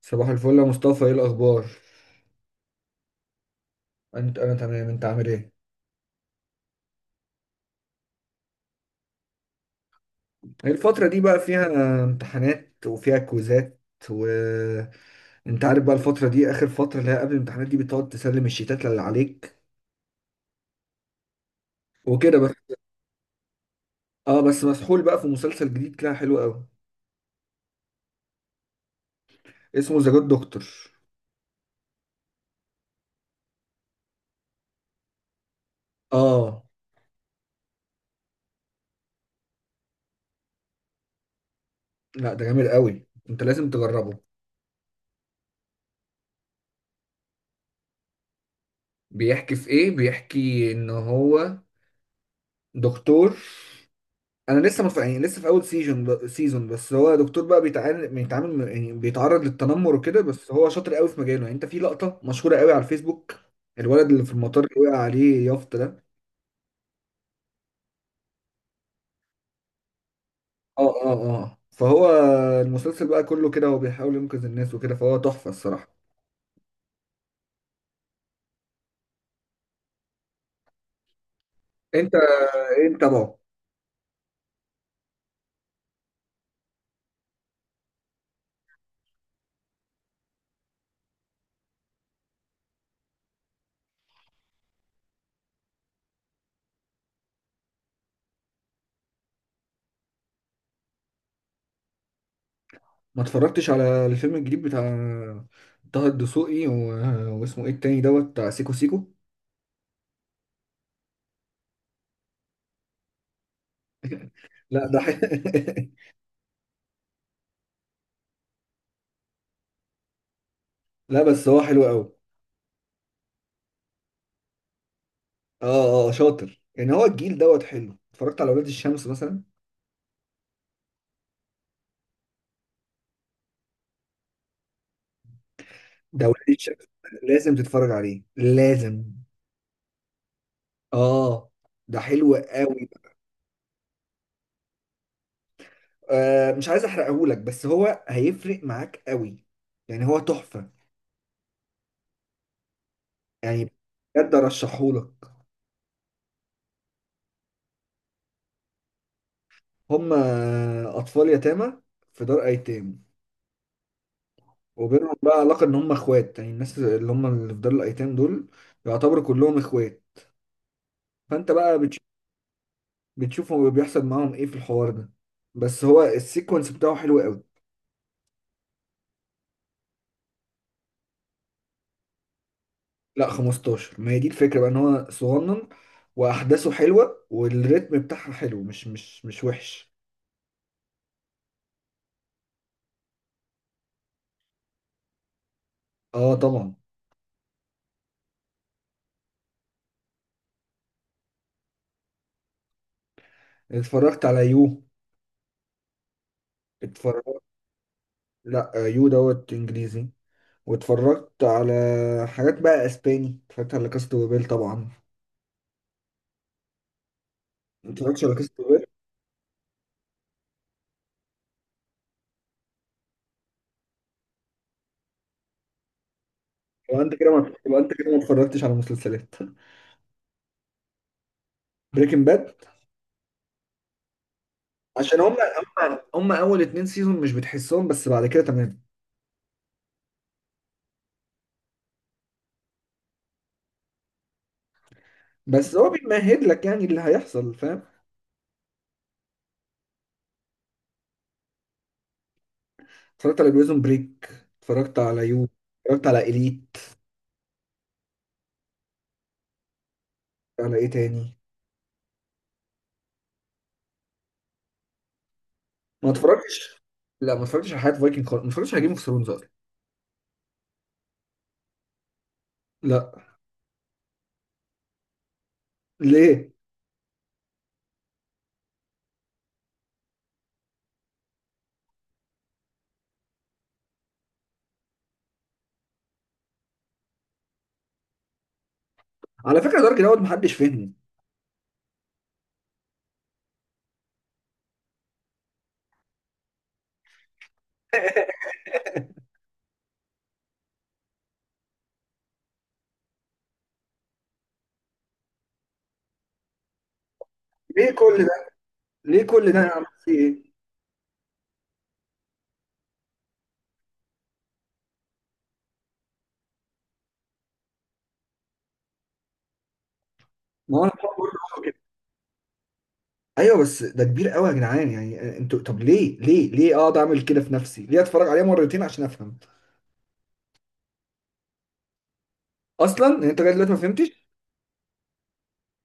صباح الفل يا مصطفى، ايه الاخبار؟ انا تمام، انت عامل ايه؟ الفتره دي بقى فيها امتحانات وفيها كويزات، و انت عارف بقى الفتره دي اخر فتره اللي هي قبل الامتحانات دي، بتقعد تسلم الشيتات اللي عليك وكده بس. اه بس مسحول بقى في مسلسل جديد كده حلو قوي. اسمه ذا جود دكتور. اه. لا ده جامد قوي، انت لازم تجربه. بيحكي في ايه؟ بيحكي ان هو دكتور. انا لسه يعني لسه في اول سيزون بس، هو دكتور بقى بيتعامل يعني بيتعرض للتنمر وكده، بس هو شاطر قوي في مجاله. يعني انت في لقطه مشهوره قوي على الفيسبوك، الولد اللي في المطار اللي وقع عليه يافطه ده. اه، اه. اه، فهو المسلسل بقى كله كده هو بيحاول ينقذ الناس وكده، فهو تحفه الصراحه. انت انت بقى. ما اتفرجتش على الفيلم الجديد بتاع طه الدسوقي واسمه ايه التاني دوت بتاع سيكو سيكو؟ لا ده ح... لا بس هو حلو قوي. اه، اه، آه شاطر، يعني هو الجيل دوت حلو. اتفرجت على ولاد الشمس مثلا. ده ولاد الشمس لازم تتفرج عليه، لازم. اه ده حلو قوي. آه، مش عايز احرقهولك بس هو هيفرق معاك قوي، يعني هو تحفة، يعني بجد ارشحهولك. هم اطفال يتامى في دار ايتام، وبينهم بقى علاقة ان هم اخوات، يعني الناس اللي هم اللي في دار الايتام دول يعتبروا كلهم اخوات. فانت بقى بتشوفوا بيحصل معاهم ايه في الحوار ده، بس هو السيكونس بتاعه حلو قوي. لا 15، ما هي دي الفكرة بقى، ان هو صغنن واحداثه حلوة والريتم بتاعها حلو، مش وحش. اه طبعا. اتفرجت على يو. اتفرجت. لا، يو دوت انجليزي. واتفرجت على حاجات بقى اسباني، اتفرجت على كاست وبيل طبعا. ما اتفرجتش على كاست وبيل. يبقى انت كده ما اتفرجتش على مسلسلات. بريكنج باد. عشان هم اول اتنين سيزون مش بتحسهم، بس بعد كده تمام. بس هو بيمهد لك يعني اللي هيحصل، فاهم. اتفرجت على بريزون بريك، اتفرجت على يو، اتفرجت على اليت. على ايه تاني؟ ما اتفرجتش. لا ما اتفرجتش على حياة فايكنج خالص، ما اتفرجتش على جيم اوف ثرونز اصلا. لا. ليه؟ على فكره دارك دوت محدش فهمني. ليه كل ده؟ ليه كل ده يا عم، في ايه؟ ما هو انا بحاول برضه أقول كده. ايوه بس ده كبير قوي يا جدعان، يعني انتوا طب ليه ليه ليه اقعد اعمل كده في نفسي؟ ليه اتفرج عليه مرتين عشان افهم؟ اصلا يعني انت لغايه دلوقتي ما فهمتش.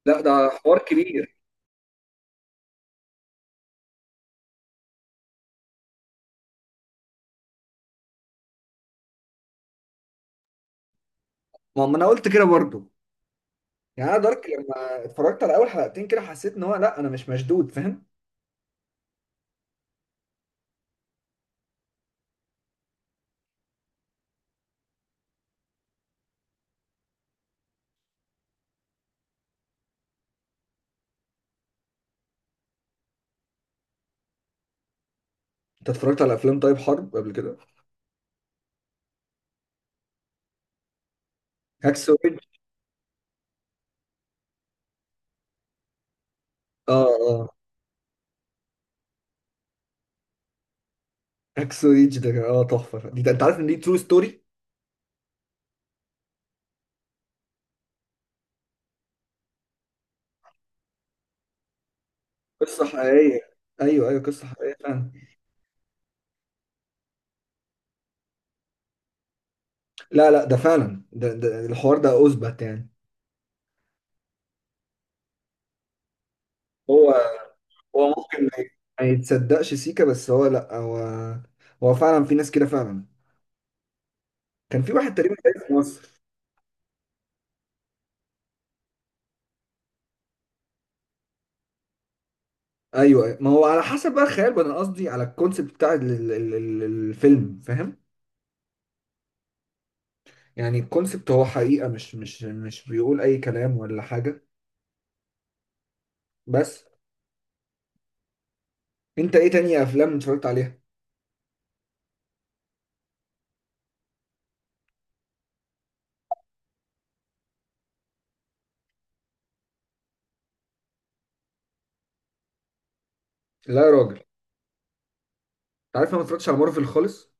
لا ده حوار كبير. ما انا قلت كده برضه. يعني انا دارك لما اتفرجت على اول حلقتين كده حسيت ان هو، لا انا مش مشدود، فاهم. انت اتفرجت على افلام طيب حرب قبل كده؟ هاكسو ريدج. اه اه هاكسو ريدج ده تحفه دي. ده انت عارف ان دي ترو ستوري، قصه حقيقيه. ايوه ايوه، قصه حقيقيه فعلا. لا لا، ده فعلا، ده الحوار ده اثبت يعني. هو هو ممكن ما يتصدقش سيكا، بس هو، لا هو، فعلا في ناس كده فعلا. كان في واحد تقريبا تاني في مصر. ايوه، أيوة. ما هو على حسب بقى الخيال بقى، انا قصدي على الكونسيبت بتاع الفيلم، فاهم. يعني الكونسبت هو حقيقة، مش بيقول أي كلام ولا حاجة. بس أنت إيه تاني أفلام اتفرجت عليها؟ لا يا راجل، أنت عارف أنا ما اتفرجتش على مارفل خالص.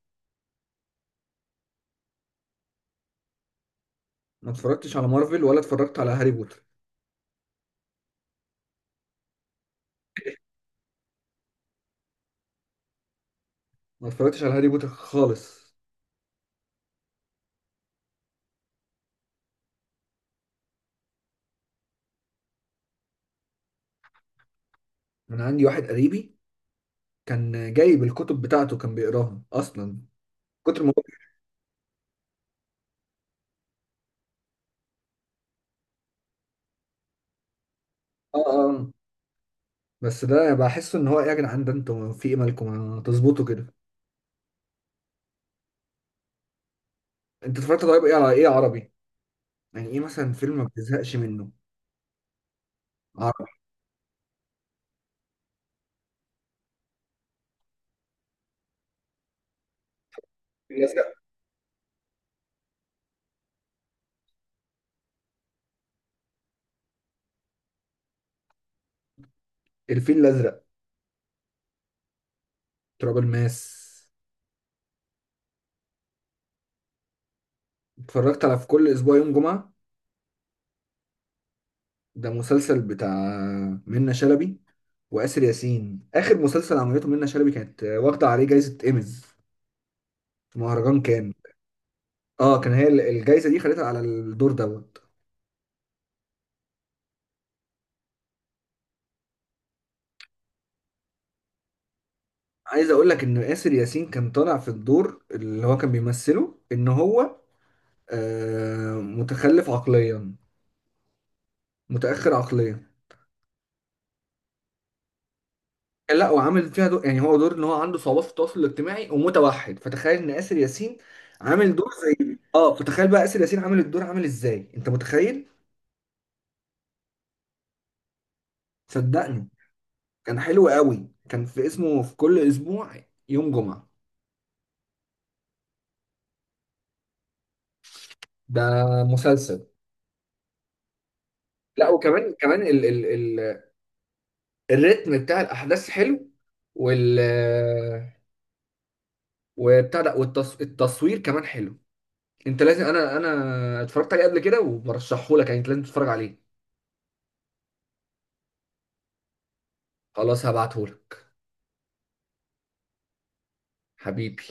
ما اتفرجتش على مارفل ولا اتفرجت على هاري بوتر. ما اتفرجتش على هاري بوتر خالص. من عندي واحد قريبي كان جايب الكتب بتاعته، كان بيقراها أصلا كتر ما هو. آه، آه، آه. بس ده بحس إن هو إيه يا جدعان، ده أنتوا في إيه؟ مالكم ما تظبطوا كده؟ أنت اتفرجت طيب إيه على إيه عربي؟ يعني إيه مثلا فيلم ما بتزهقش منه؟ عربي. الفيل الأزرق. الفيل الأزرق. تراب الماس. اتفرجت على في كل اسبوع يوم جمعة؟ ده مسلسل بتاع منة شلبي وآسر ياسين. اخر مسلسل عملته منة شلبي كانت واخدة عليه جايزة ايميز في مهرجان كان. اه كان هي الجايزة دي خدتها على الدور دوت. عايز اقول لك ان آسر ياسين كان طالع في الدور اللي هو كان بيمثله ان هو متخلف عقليا، متأخر عقليا. لا وعامل فيها دور، يعني هو دور ان هو عنده صعوبات في التواصل الاجتماعي ومتوحد، فتخيل ان آسر ياسين عامل دور زي فتخيل بقى آسر ياسين عامل الدور عامل ازاي، انت متخيل؟ صدقني كان حلو قوي، كان في اسمه في كل اسبوع يوم جمعة. ده مسلسل. لا وكمان كمان ال ال ال الريتم بتاع الاحداث حلو، وال وبتاع ده، التصوير كمان حلو. انت لازم، انا اتفرجت عليه قبل كده وبرشحه لك، يعني انت لازم تتفرج عليه. خلاص هبعته لك. حبيبي.